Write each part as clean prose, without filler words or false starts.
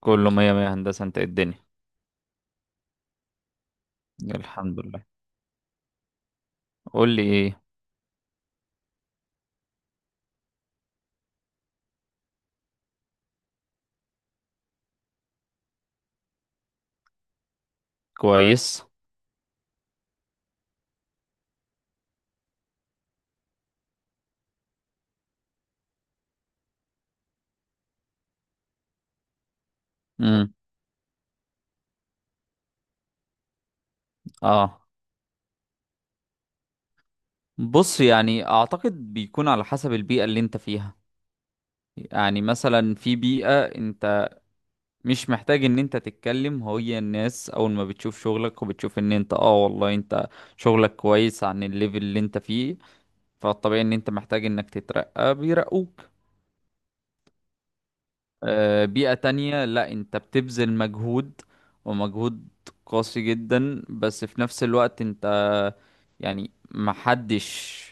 كله مية مية، هندسة. انت ايه الدنيا؟ الحمد لله. قول لي ايه. كويس. امم. اه. بص، يعني اعتقد بيكون على حسب البيئة اللي انت فيها. يعني مثلا في بيئة انت مش محتاج ان انت تتكلم، هي الناس اول ما بتشوف شغلك وبتشوف ان انت والله انت شغلك كويس عن الليفل اللي انت فيه، فالطبيعي ان انت محتاج انك تترقى بيرقوك. بيئة تانية لا، انت بتبذل مجهود ومجهود قاسي جدا، بس في نفس الوقت انت يعني محدش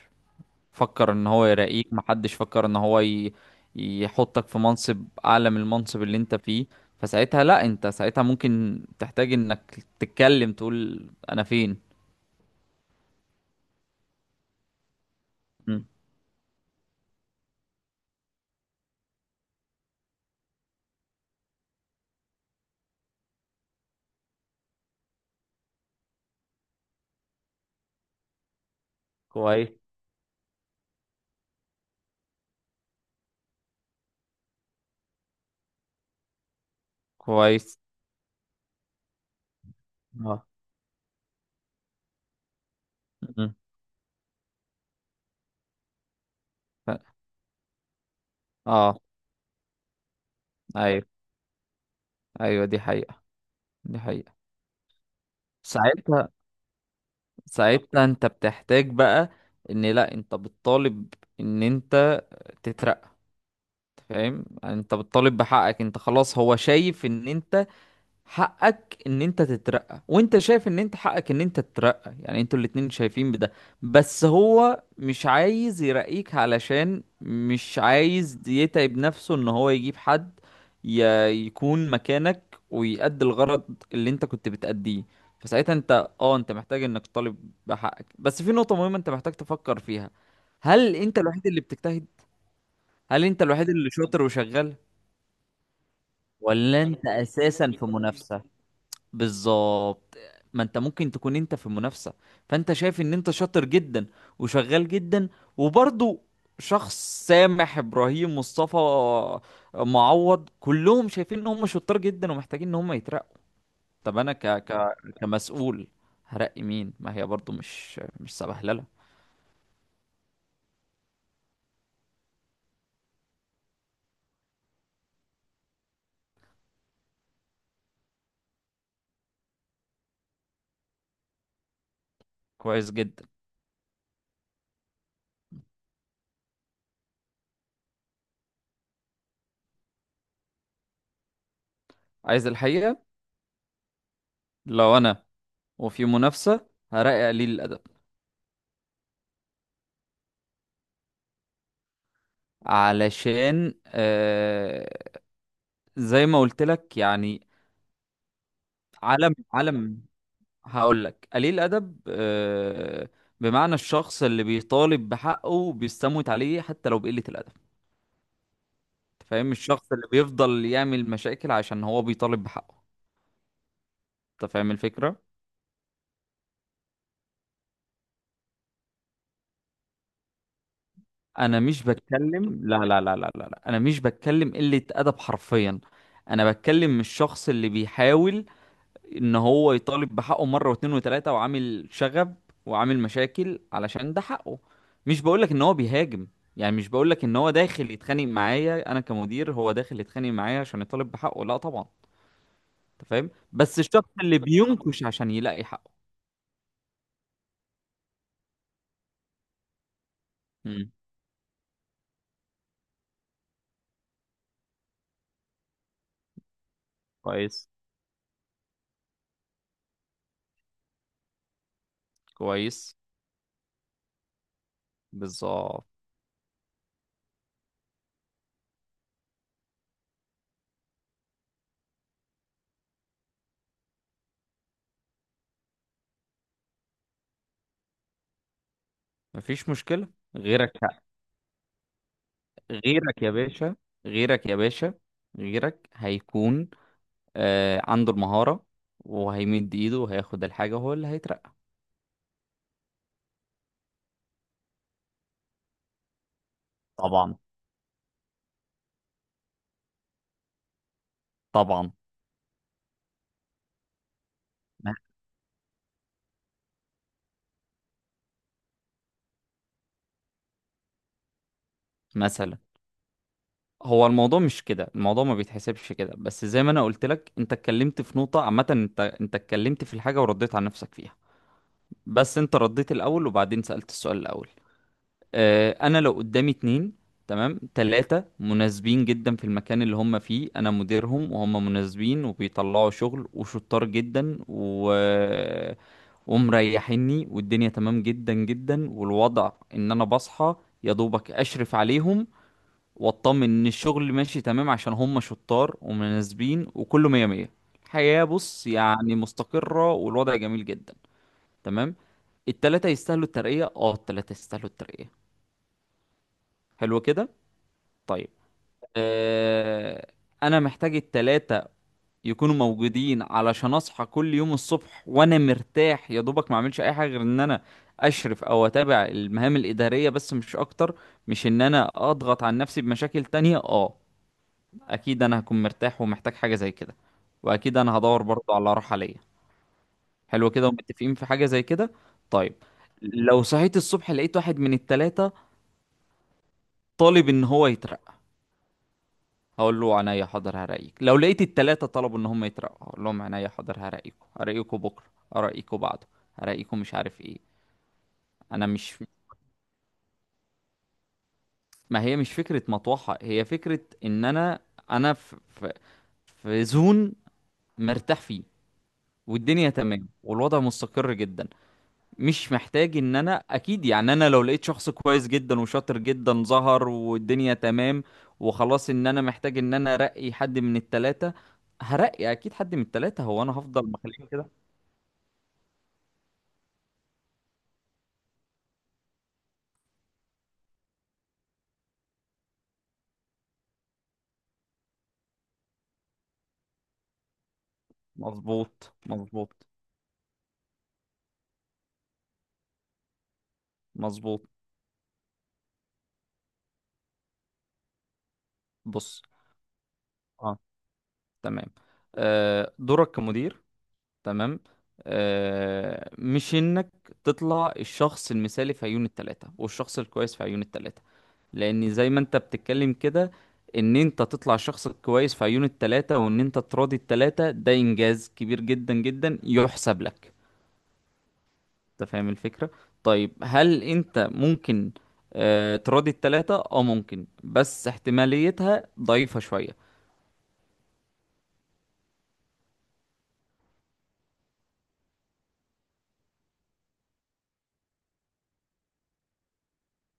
فكر ان هو يراقيك، محدش فكر ان هو يحطك في منصب اعلى من المنصب اللي انت فيه. فساعتها لا، انت ساعتها ممكن تحتاج انك تتكلم تقول انا فين. مم. كويس. كويس. اه. مم. ف- اه. ايوه. ايوه، دي حقيقة. دي حقيقة. ساعتها ساعتها انت بتحتاج بقى ان لا، انت بتطالب ان انت تترقى. فاهم؟ يعني انت بتطالب بحقك، انت خلاص هو شايف ان انت حقك ان انت تترقى، وانت شايف ان انت حقك ان انت تترقى، يعني انتوا الاتنين شايفين بده. بس هو مش عايز يرقيك علشان مش عايز يتعب نفسه ان هو يجيب حد يكون مكانك ويأدي الغرض اللي انت كنت بتأديه. فساعتها انت انت محتاج انك تطالب بحقك، بس في نقطة مهمة انت محتاج تفكر فيها. هل انت الوحيد اللي بتجتهد؟ هل انت الوحيد اللي شاطر وشغال؟ ولا انت اساسا في منافسة؟ بالظبط. ما انت ممكن تكون انت في منافسة، فانت شايف ان انت شاطر جدا وشغال جدا، وبرضه شخص سامح، ابراهيم، مصطفى، معوض كلهم شايفين ان هم شطار جدا ومحتاجين ان هم يترقوا. طب انا كمسؤول هرقي مين؟ ما هي برضه مش سبهلله. كويس جدا. عايز الحقيقة؟ لو انا وفي منافسة هرقي قليل الادب. علشان زي ما قلت لك يعني. عالم عالم. هقول لك قليل الادب، بمعنى الشخص اللي بيطالب بحقه بيستموت عليه حتى لو بقلة الادب. انت فاهم؟ الشخص اللي بيفضل يعمل مشاكل عشان هو بيطالب بحقه. انت فاهم الفكرة؟ انا مش بتكلم لا، لا، لا، لا، لا، لا. انا مش بتكلم قلة ادب حرفيا. انا بتكلم الشخص اللي بيحاول ان هو يطالب بحقه مره واتنين وتلاته وعامل شغب وعامل مشاكل علشان ده حقه. مش بقولك ان هو بيهاجم، يعني مش بقولك ان هو داخل يتخانق معايا انا كمدير، هو داخل يتخانق معايا عشان يطالب بحقه لا طبعا. انت فاهم؟ بس الشخص اللي بينكش عشان يلاقي حقه. امم. كويس. كويس. بالظبط. مفيش مشكلة. غيرك. غيرك يا باشا. غيرك يا باشا. غيرك هيكون عنده المهارة، وهيمد ايده وهياخد الحاجة، هو اللي هيترقى. طبعا. طبعا. م- مثلا هو الموضوع مش كده، الموضوع ما بيتحسبش كده، بس زي ما انا قلت لك انت اتكلمت في نقطة عامة، انت اتكلمت في الحاجة ورديت على نفسك فيها، بس انت رديت الاول وبعدين سألت السؤال الاول. اه، انا لو قدامي اتنين، تمام، تلاتة مناسبين جدا في المكان اللي هم فيه، انا مديرهم وهم مناسبين وبيطلعوا شغل وشطار جدا و ومريحيني، والدنيا تمام جدا جدا، والوضع ان انا بصحى يا دوبك اشرف عليهم واطمن ان الشغل ماشي تمام عشان هم شطار ومناسبين وكله مية مية. الحياة بص يعني مستقرة والوضع جميل جدا. تمام. التلاتة يستاهلوا الترقية، التلاتة يستاهلوا الترقية. حلو كده. طيب. آه. انا محتاج التلاتة يكونوا موجودين علشان اصحى كل يوم الصبح وانا مرتاح يا دوبك، ما اعملش اي حاجة غير ان انا اشرف او اتابع المهام الادارية بس مش اكتر. مش ان انا اضغط عن نفسي بمشاكل تانية. اه اكيد انا هكون مرتاح ومحتاج حاجه زي كده، واكيد انا هدور برضو على راحه ليا. حلو كده ومتفقين في حاجه زي كده. طيب. لو صحيت الصبح لقيت واحد من التلاتة طالب ان هو يترقى، هقول له عينيا حاضر هرقيك. لو لقيت التلاتة طلبوا ان هم يترقوا، هقول لهم عينيا حاضر هرقيكوا، هرقيكوا بكره، هرقيكوا بعده، هرقيكوا مش عارف ايه. انا مش ما هي مش فكره مطوحه، هي فكره ان انا في زون مرتاح فيه، والدنيا تمام والوضع مستقر جدا. مش محتاج ان انا، اكيد يعني انا لو لقيت شخص كويس جدا وشاطر جدا ظهر والدنيا تمام وخلاص ان انا محتاج ان انا ارقي حد من التلاتة هرقي اكيد حد من التلاتة، هو انا هفضل مخليهم كده؟ مظبوط. مظبوط. مظبوط. بص. اه تمام. دورك كمدير، تمام، مش انك تطلع الشخص المثالي في عيون التلاتة والشخص الكويس في عيون التلاتة. لان زي ما انت بتتكلم كده، ان انت تطلع شخص كويس في عيون التلاتة وان انت تراضي التلاتة، ده انجاز كبير جدا جدا يحسب لك. انت فاهم الفكرة؟ طيب هل انت ممكن تراضي التلاتة؟ اه ممكن، بس احتماليتها ضعيفة شوية.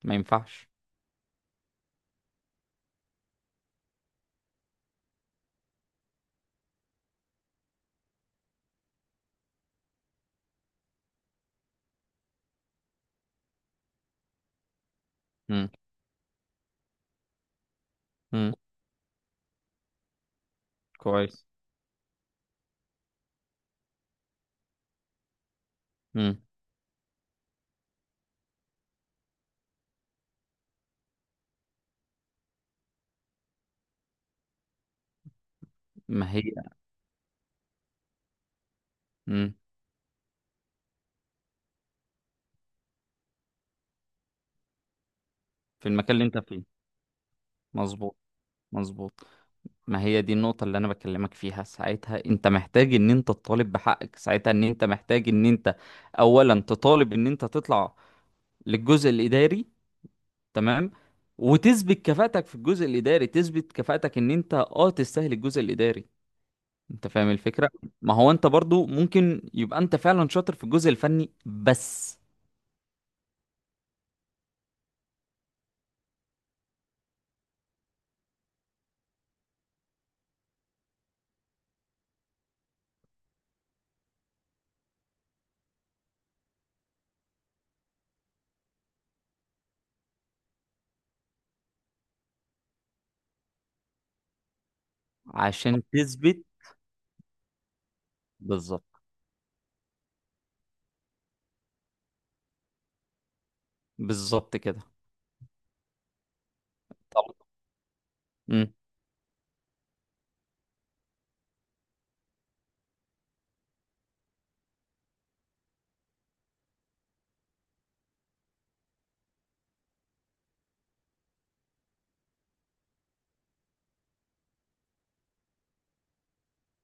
ما ينفعش. مم. مم. كويس. مم. ما هي. مم. في المكان اللي انت فيه مظبوط. مظبوط. ما هي دي النقطة اللي أنا بكلمك فيها، ساعتها أنت محتاج إن أنت تطالب بحقك، ساعتها إن أنت محتاج إن أنت أولا تطالب إن أنت تطلع للجزء الإداري، تمام، وتثبت كفاءتك في الجزء الإداري، تثبت كفاءتك إن أنت تستاهل الجزء الإداري. أنت فاهم الفكرة؟ ما هو أنت برضو ممكن يبقى أنت فعلا شاطر في الجزء الفني، بس عشان تثبت. بالظبط. بالظبط كده. طب. مم.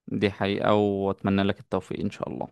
دي حقيقة وأتمنى لك التوفيق إن شاء الله.